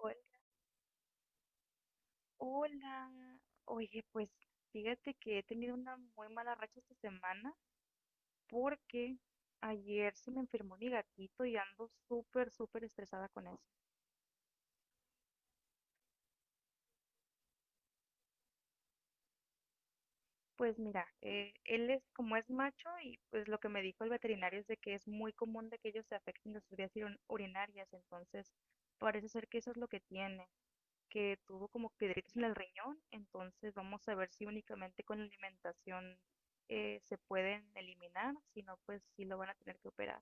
Hol- Hola, oye, pues fíjate que he tenido una muy mala racha esta semana porque ayer se me enfermó mi gatito y ando súper, súper estresada con eso. Pues mira, él es como es macho y pues lo que me dijo el veterinario es de que es muy común de que ellos se afecten de sus vías urinarias, entonces parece ser que eso es lo que tiene, que tuvo como piedritas en el riñón. Entonces vamos a ver si únicamente con la alimentación se pueden eliminar, si no, pues sí lo van a tener que operar.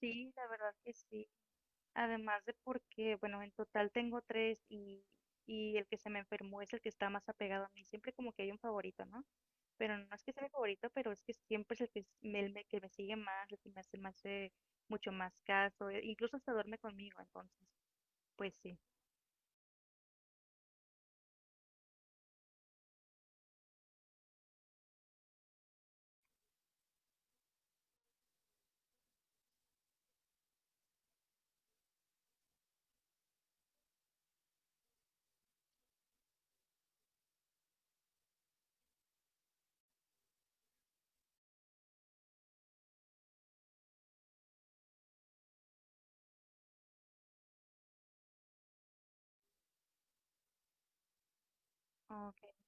Sí, la verdad que sí. Además de porque, bueno, en total tengo tres y el que se me enfermó es el que está más apegado a mí. Siempre como que hay un favorito, ¿no? Pero no es que sea mi favorito, pero es que siempre es el que, que me sigue más, el que me hace mucho más caso, incluso hasta duerme conmigo, entonces, pues sí. Ok.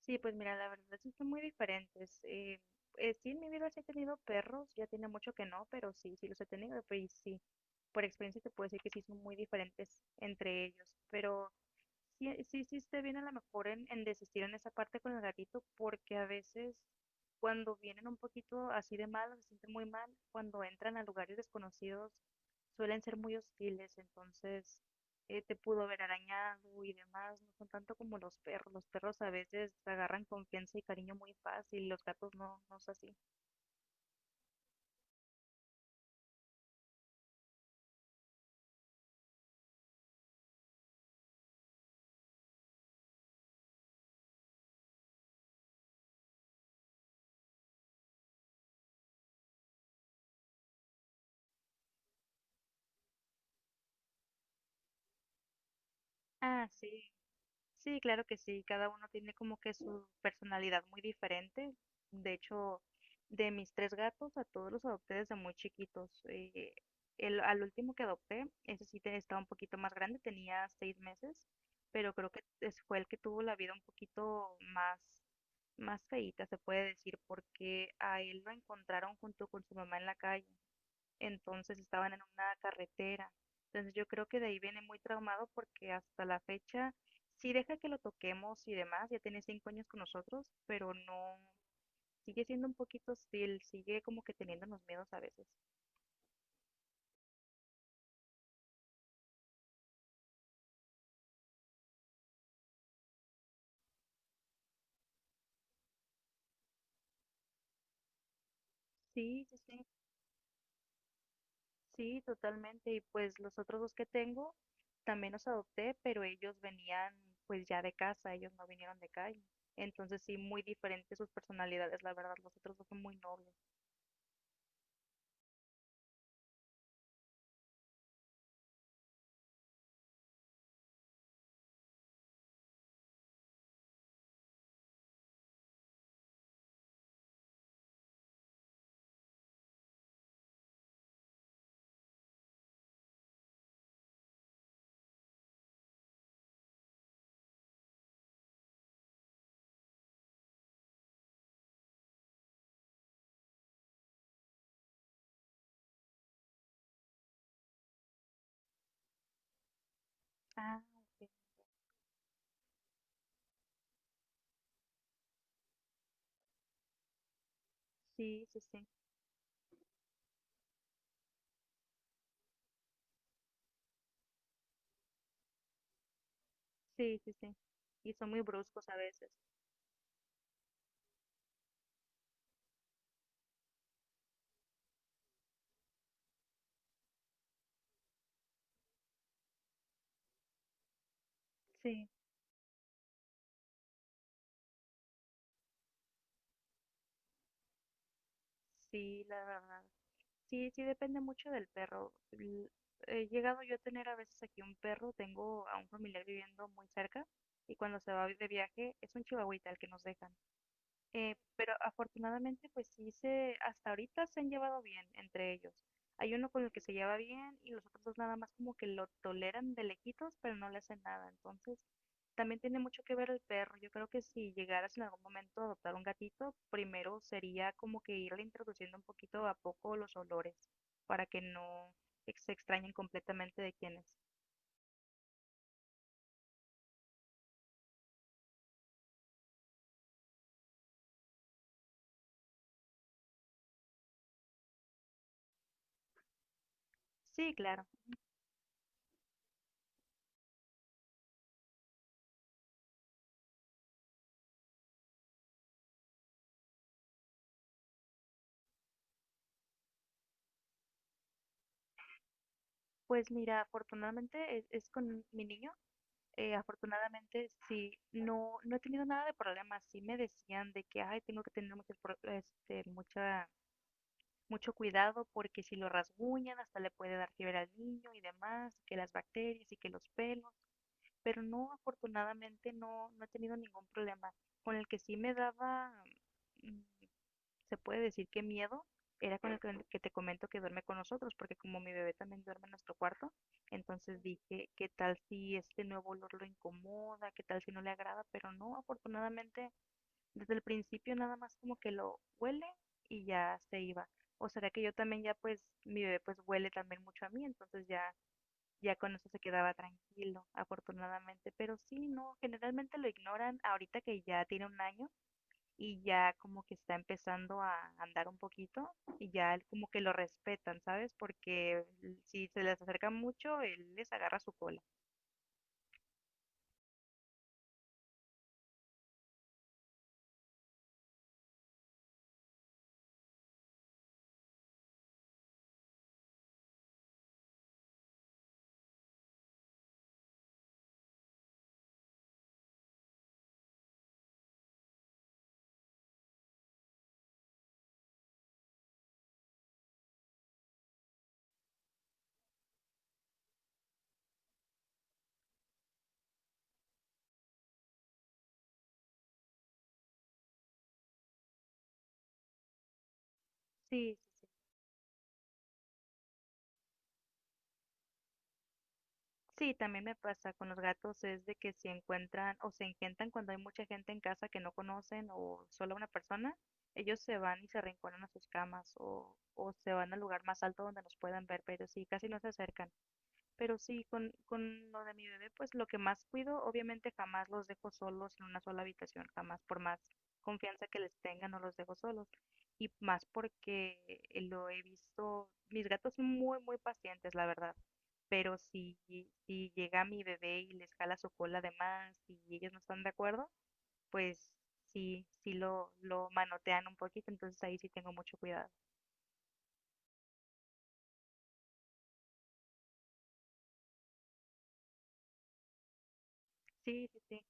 Sí, pues mira, la verdad sí son muy diferentes. Sí, en mi vida sí he tenido perros, ya tiene mucho que no, pero sí, sí los he tenido, pero y sí, por experiencia te puedo decir que sí son muy diferentes entre ellos. Pero sí, sí hiciste bien a lo mejor en desistir en esa parte con el gatito, porque a veces cuando vienen un poquito así de mal, se sienten muy mal, cuando entran a lugares desconocidos suelen ser muy hostiles. Entonces te pudo haber arañado y demás, no son tanto como los perros a veces agarran confianza y cariño muy fácil, los gatos no, no es así. Ah, sí, sí, claro que sí, cada uno tiene como que su personalidad muy diferente. De hecho, de mis tres gatos, a todos los adopté desde muy chiquitos. El, al último que adopté, ese sí estaba un poquito más grande, tenía seis meses, pero creo que fue el que tuvo la vida un poquito más, más feíta, se puede decir, porque a él lo encontraron junto con su mamá en la calle, entonces estaban en una carretera. Entonces yo creo que de ahí viene muy traumado porque hasta la fecha sí deja que lo toquemos y demás, ya tiene cinco años con nosotros, pero no, sigue siendo un poquito hostil, sigue como que teniendo los miedos a veces. Sí, sí, sí, sí, totalmente. Y pues los otros dos que tengo también los adopté, pero ellos venían pues ya de casa, ellos no vinieron de calle. Entonces sí, muy diferentes sus personalidades, la verdad, los otros dos son muy nobles. Ah, ok. Sí, sí, sí. Sí, sí, sí. Y son muy bruscos a veces. Sí, sí, la verdad. Sí, sí, depende mucho del perro. He llegado yo a tener a veces aquí un perro, tengo a un familiar viviendo muy cerca y cuando se va de viaje es un chihuahuita el que nos dejan. Pero afortunadamente, hasta ahorita se han llevado bien entre ellos. Hay uno con el que se lleva bien y los otros dos nada más como que lo toleran de lejitos, pero no le hacen nada. Entonces, también tiene mucho que ver el perro. Yo creo que si llegaras en algún momento a adoptar un gatito, primero sería como que irle introduciendo un poquito a poco los olores para que no se extrañen completamente de quién es. Sí, claro. Pues mira, afortunadamente es con mi niño. Afortunadamente sí, no, no he tenido nada de problemas. Sí me decían de que, ay, tengo que tener mucho pro- este, mucha, mucho cuidado porque si lo rasguñan hasta le puede dar fiebre al niño y demás, que las bacterias y que los pelos. Pero no, afortunadamente no, no he tenido ningún problema. Con el que sí me daba, mm, se puede decir que miedo, era con el que te comento que duerme con nosotros, porque como mi bebé también duerme en nuestro cuarto, entonces dije, ¿qué tal si este nuevo olor lo incomoda? ¿Qué tal si no le agrada? Pero no, afortunadamente, desde el principio nada más como que lo huele y ya se iba. O será que yo también ya pues, mi bebé pues huele también mucho a mí, entonces ya con eso se quedaba tranquilo, afortunadamente. Pero sí, no, generalmente lo ignoran ahorita que ya tiene un año y ya como que está empezando a andar un poquito y ya él como que lo respetan, ¿sabes? Porque si se les acerca mucho, él les agarra su cola. Sí, sí, sí. Sí, también me pasa con los gatos es de que si encuentran o se engentan cuando hay mucha gente en casa que no conocen o solo una persona, ellos se van y se arrinconan a sus camas o se van al lugar más alto donde nos puedan ver, pero sí, casi no se acercan. Pero sí, con lo de mi bebé, pues lo que más cuido, obviamente jamás los dejo solos en una sola habitación, jamás, por más confianza que les tenga, no los dejo solos. Y más porque lo he visto, mis gatos son muy, muy pacientes, la verdad. Pero si llega mi bebé y les jala su cola de más y ellos no están de acuerdo, pues sí, lo manotean un poquito, entonces ahí sí tengo mucho cuidado. Sí, sí, sí.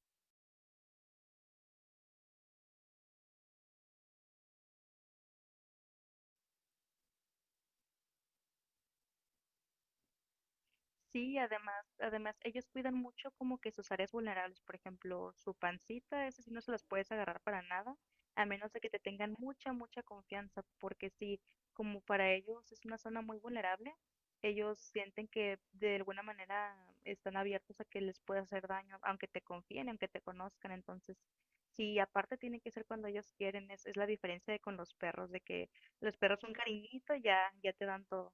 Sí, además, además, ellos cuidan mucho como que sus áreas vulnerables, por ejemplo, su pancita, esas sí no se las puedes agarrar para nada, a menos de que te tengan mucha, mucha confianza, porque sí, como para ellos es una zona muy vulnerable, ellos sienten que de alguna manera están abiertos a que les pueda hacer daño, aunque te confíen, aunque te conozcan. Entonces, sí, aparte tiene que ser cuando ellos quieren, es la diferencia de con los perros, de que los perros un cariñito ya te dan todo.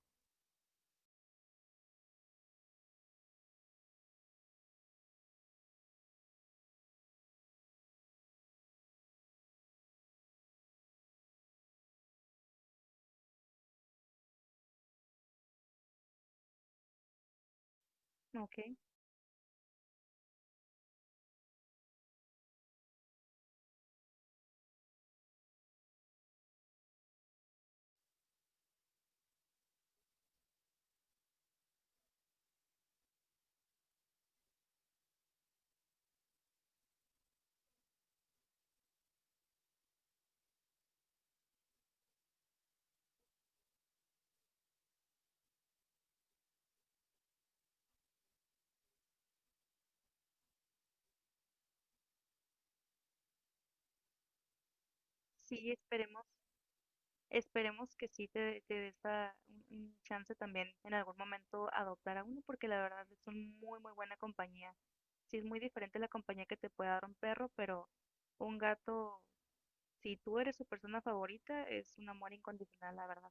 Ok, sí, esperemos. Esperemos que sí te dé esa, un chance también en algún momento adoptar a uno, porque la verdad es un muy, muy buena compañía. Sí es muy diferente la compañía que te puede dar un perro, pero un gato, si tú eres su persona favorita, es un amor incondicional, la verdad.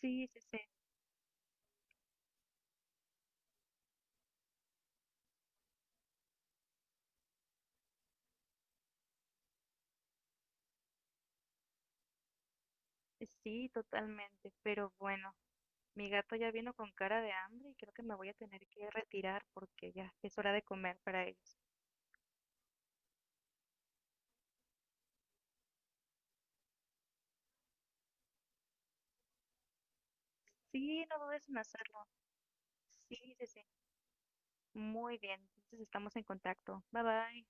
Sí, sí, sí, sí, totalmente. Pero bueno, mi gato ya vino con cara de hambre y creo que me voy a tener que retirar porque ya es hora de comer para ellos. Sí, no dudes en hacerlo. Sí, sí, sí. Muy bien, entonces estamos en contacto. Bye bye.